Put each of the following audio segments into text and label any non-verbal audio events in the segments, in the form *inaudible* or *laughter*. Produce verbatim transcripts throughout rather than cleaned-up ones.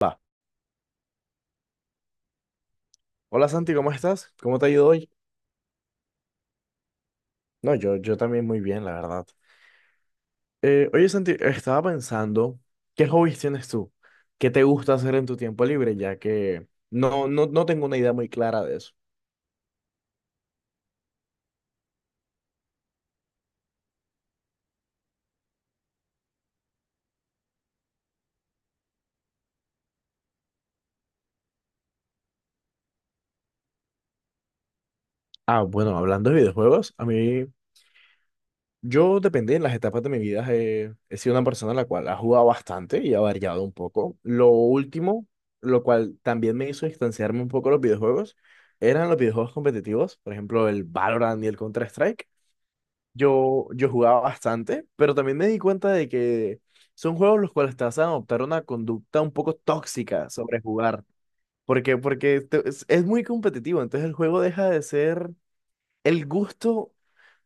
Va. Hola Santi, ¿cómo estás? ¿Cómo te ha ido hoy? No, yo, yo también muy bien, la verdad. Eh, oye Santi, estaba pensando, ¿qué hobbies tienes tú? ¿Qué te gusta hacer en tu tiempo libre? Ya que no, no, no tengo una idea muy clara de eso. Ah, bueno, hablando de videojuegos, a mí, yo depende en las etapas de mi vida, eh, he sido una persona la cual ha jugado bastante y ha variado un poco. Lo último, lo cual también me hizo distanciarme un poco de los videojuegos, eran los videojuegos competitivos, por ejemplo, el Valorant y el Counter-Strike. Yo, yo jugaba bastante, pero también me di cuenta de que son juegos los cuales te hacen adoptar una conducta un poco tóxica sobre jugar. ¿Por qué? Porque te- es, es muy competitivo, entonces el juego deja de ser el gusto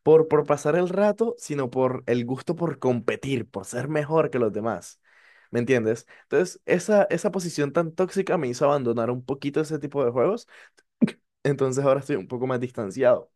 por, por pasar el rato, sino por el gusto por competir, por ser mejor que los demás. ¿Me entiendes? Entonces, esa, esa posición tan tóxica me hizo abandonar un poquito ese tipo de juegos, entonces ahora estoy un poco más distanciado.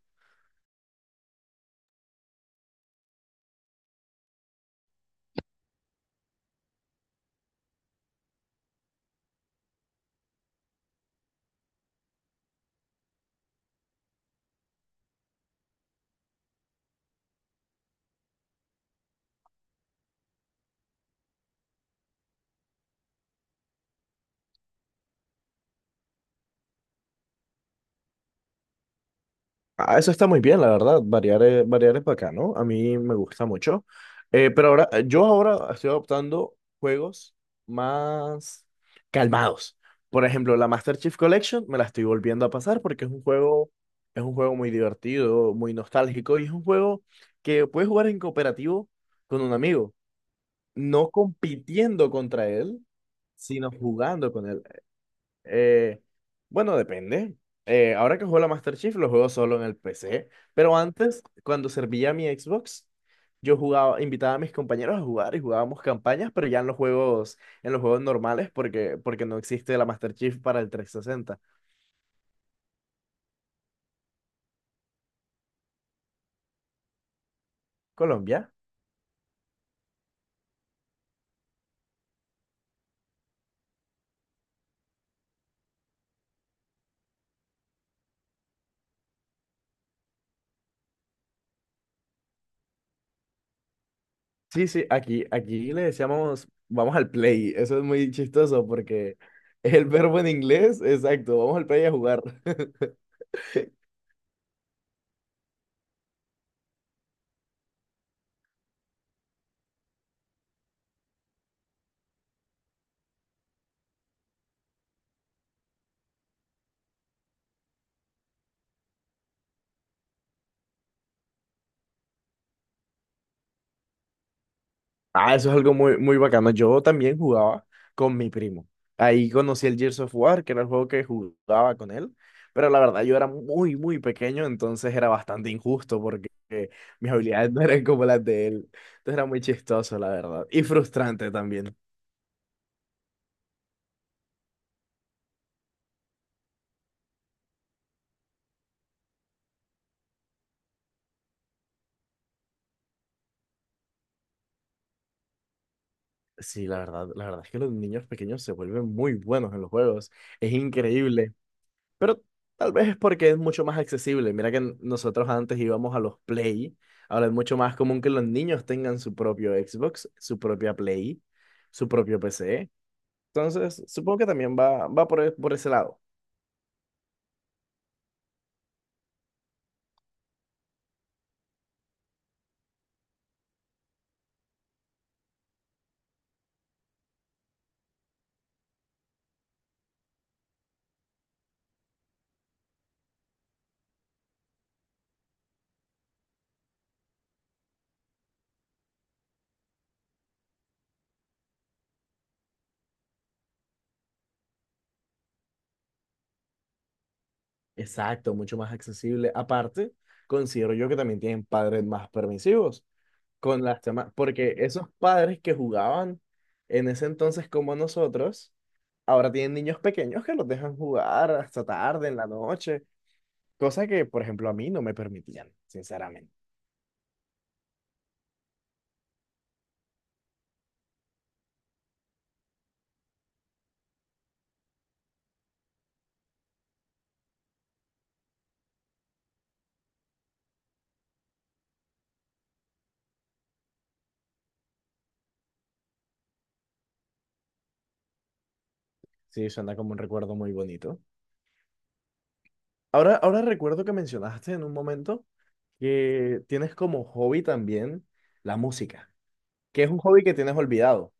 Ah, eso está muy bien, la verdad. Variar es, variar es bacano. A mí me gusta mucho. Eh, pero ahora, eh, yo ahora estoy adoptando juegos más calmados. Por ejemplo, la Master Chief Collection me la estoy volviendo a pasar porque es un juego, es un juego muy divertido, muy nostálgico y es un juego que puedes jugar en cooperativo con un amigo, no compitiendo contra él, sino jugando con él. Eh, bueno, depende. Eh, ahora que juego la Master Chief, lo juego solo en el P C. Pero antes, cuando servía mi Xbox, yo jugaba, invitaba a mis compañeros a jugar y jugábamos campañas, pero ya en los juegos, en los juegos normales, porque, porque no existe la Master Chief para el trescientos sesenta. Colombia. Sí, sí, aquí, aquí le decíamos, vamos al play. Eso es muy chistoso porque el verbo en inglés, exacto, vamos al play a jugar. *laughs* Ah, eso es algo muy, muy bacano. Yo también jugaba con mi primo. Ahí conocí el Gears of War, que era el juego que jugaba con él. Pero la verdad, yo era muy, muy pequeño, entonces era bastante injusto porque eh, mis habilidades no eran como las de él. Entonces era muy chistoso, la verdad. Y frustrante también. Sí, la verdad, la verdad es que los niños pequeños se vuelven muy buenos en los juegos. Es increíble. Pero tal vez es porque es mucho más accesible. Mira que n- nosotros antes íbamos a los Play. Ahora es mucho más común que los niños tengan su propio Xbox, su propia Play, su propio P C. Entonces, supongo que también va, va por, e- por ese lado. Exacto, mucho más accesible. Aparte, considero yo que también tienen padres más permisivos con las demás, porque esos padres que jugaban en ese entonces como nosotros, ahora tienen niños pequeños que los dejan jugar hasta tarde en la noche. Cosa que, por ejemplo, a mí no me permitían, sinceramente. Sí, suena como un recuerdo muy bonito. Ahora, ahora recuerdo que mencionaste en un momento que tienes como hobby también la música, que es un hobby que tienes olvidado.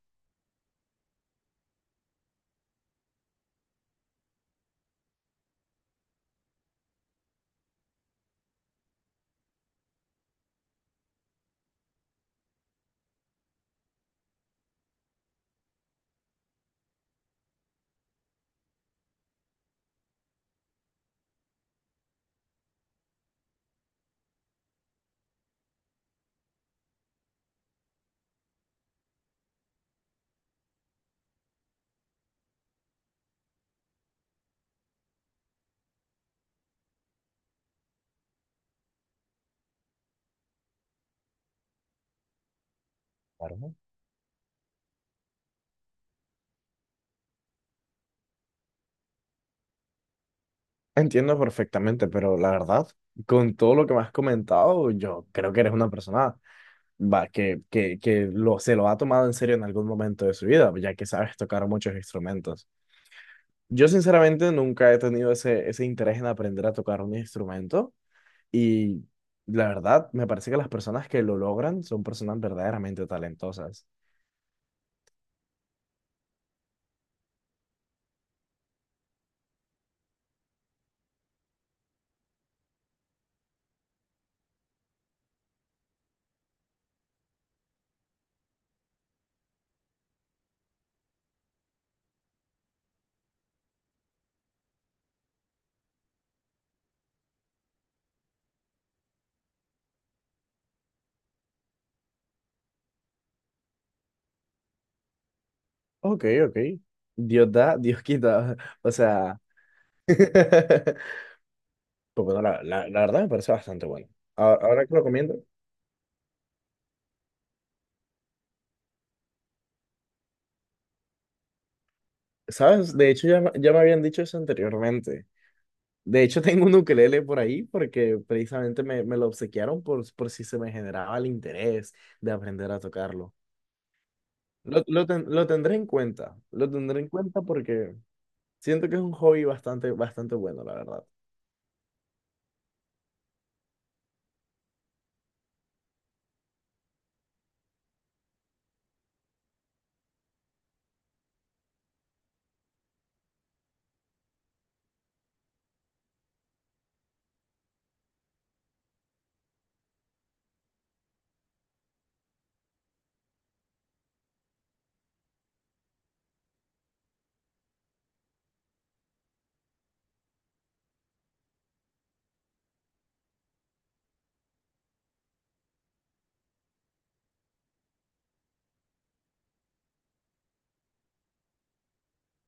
Claro. Entiendo perfectamente, pero la verdad, con todo lo que me has comentado, yo creo que eres una persona va, que, que, que lo, se lo ha tomado en serio en algún momento de su vida, ya que sabes tocar muchos instrumentos. Yo sinceramente nunca he tenido ese, ese interés en aprender a tocar un instrumento, y la verdad, me parece que las personas que lo logran son personas verdaderamente talentosas. Ok, ok. Dios da, Dios quita. *laughs* O sea, *laughs* pues bueno, la, la- la verdad me parece bastante bueno. A- Ahora, que lo comiendo, ¿sabes? De hecho, ya, me- ya me habían dicho eso anteriormente. De hecho, *laughs* tengo un ukelele por ahí porque precisamente me, me lo obsequiaron por, por si se me generaba el interés de aprender a tocarlo. Lo, lo, ten- lo tendré en cuenta, lo tendré en cuenta porque siento que es un hobby bastante, bastante bueno, la verdad.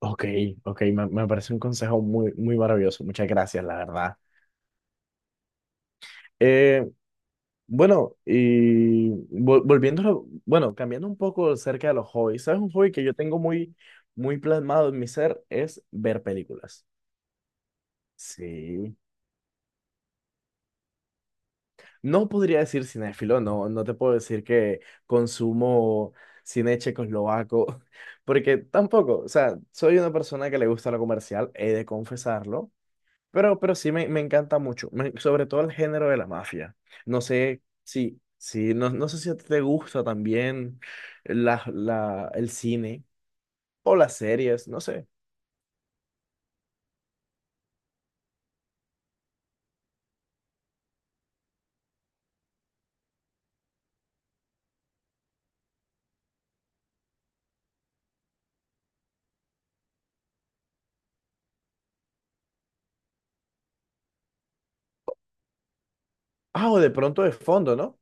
Ok, ok, me, me parece un consejo muy, muy maravilloso. Muchas gracias, la verdad. Eh, bueno, y vol- volviéndolo, bueno, cambiando un poco acerca de los hobbies, ¿sabes? Un hobby que yo tengo muy, muy plasmado en mi ser es ver películas. Sí. No podría decir cinéfilo, no, no te puedo decir que consumo cine checoslovaco, *laughs* porque tampoco, o sea, soy una persona que le gusta lo comercial, he de confesarlo. Pero, pero sí me, me encanta mucho, me- sobre todo el género de la mafia. No sé si, si no, no sé si a ti te gusta también la, la, el cine o las series, no sé. Ah, o de pronto de fondo, ¿no?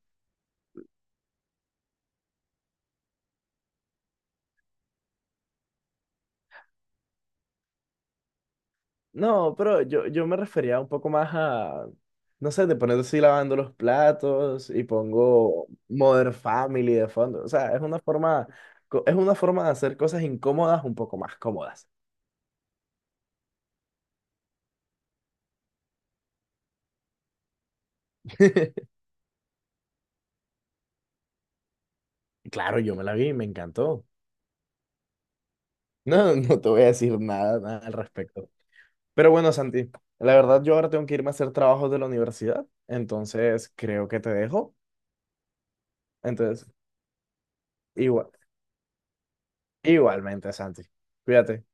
No, pero yo, yo me refería un poco más a, no sé, de poner así lavando los platos y pongo Modern Family de fondo. O sea, es una forma, co- es una forma de hacer cosas incómodas un poco más cómodas. *laughs* Claro, yo me la vi y me encantó. No, no te voy a decir nada, nada al respecto. Pero bueno, Santi, la verdad yo ahora tengo que irme a hacer trabajos de la universidad, entonces creo que te dejo. Entonces, igual, igualmente, Santi, cuídate.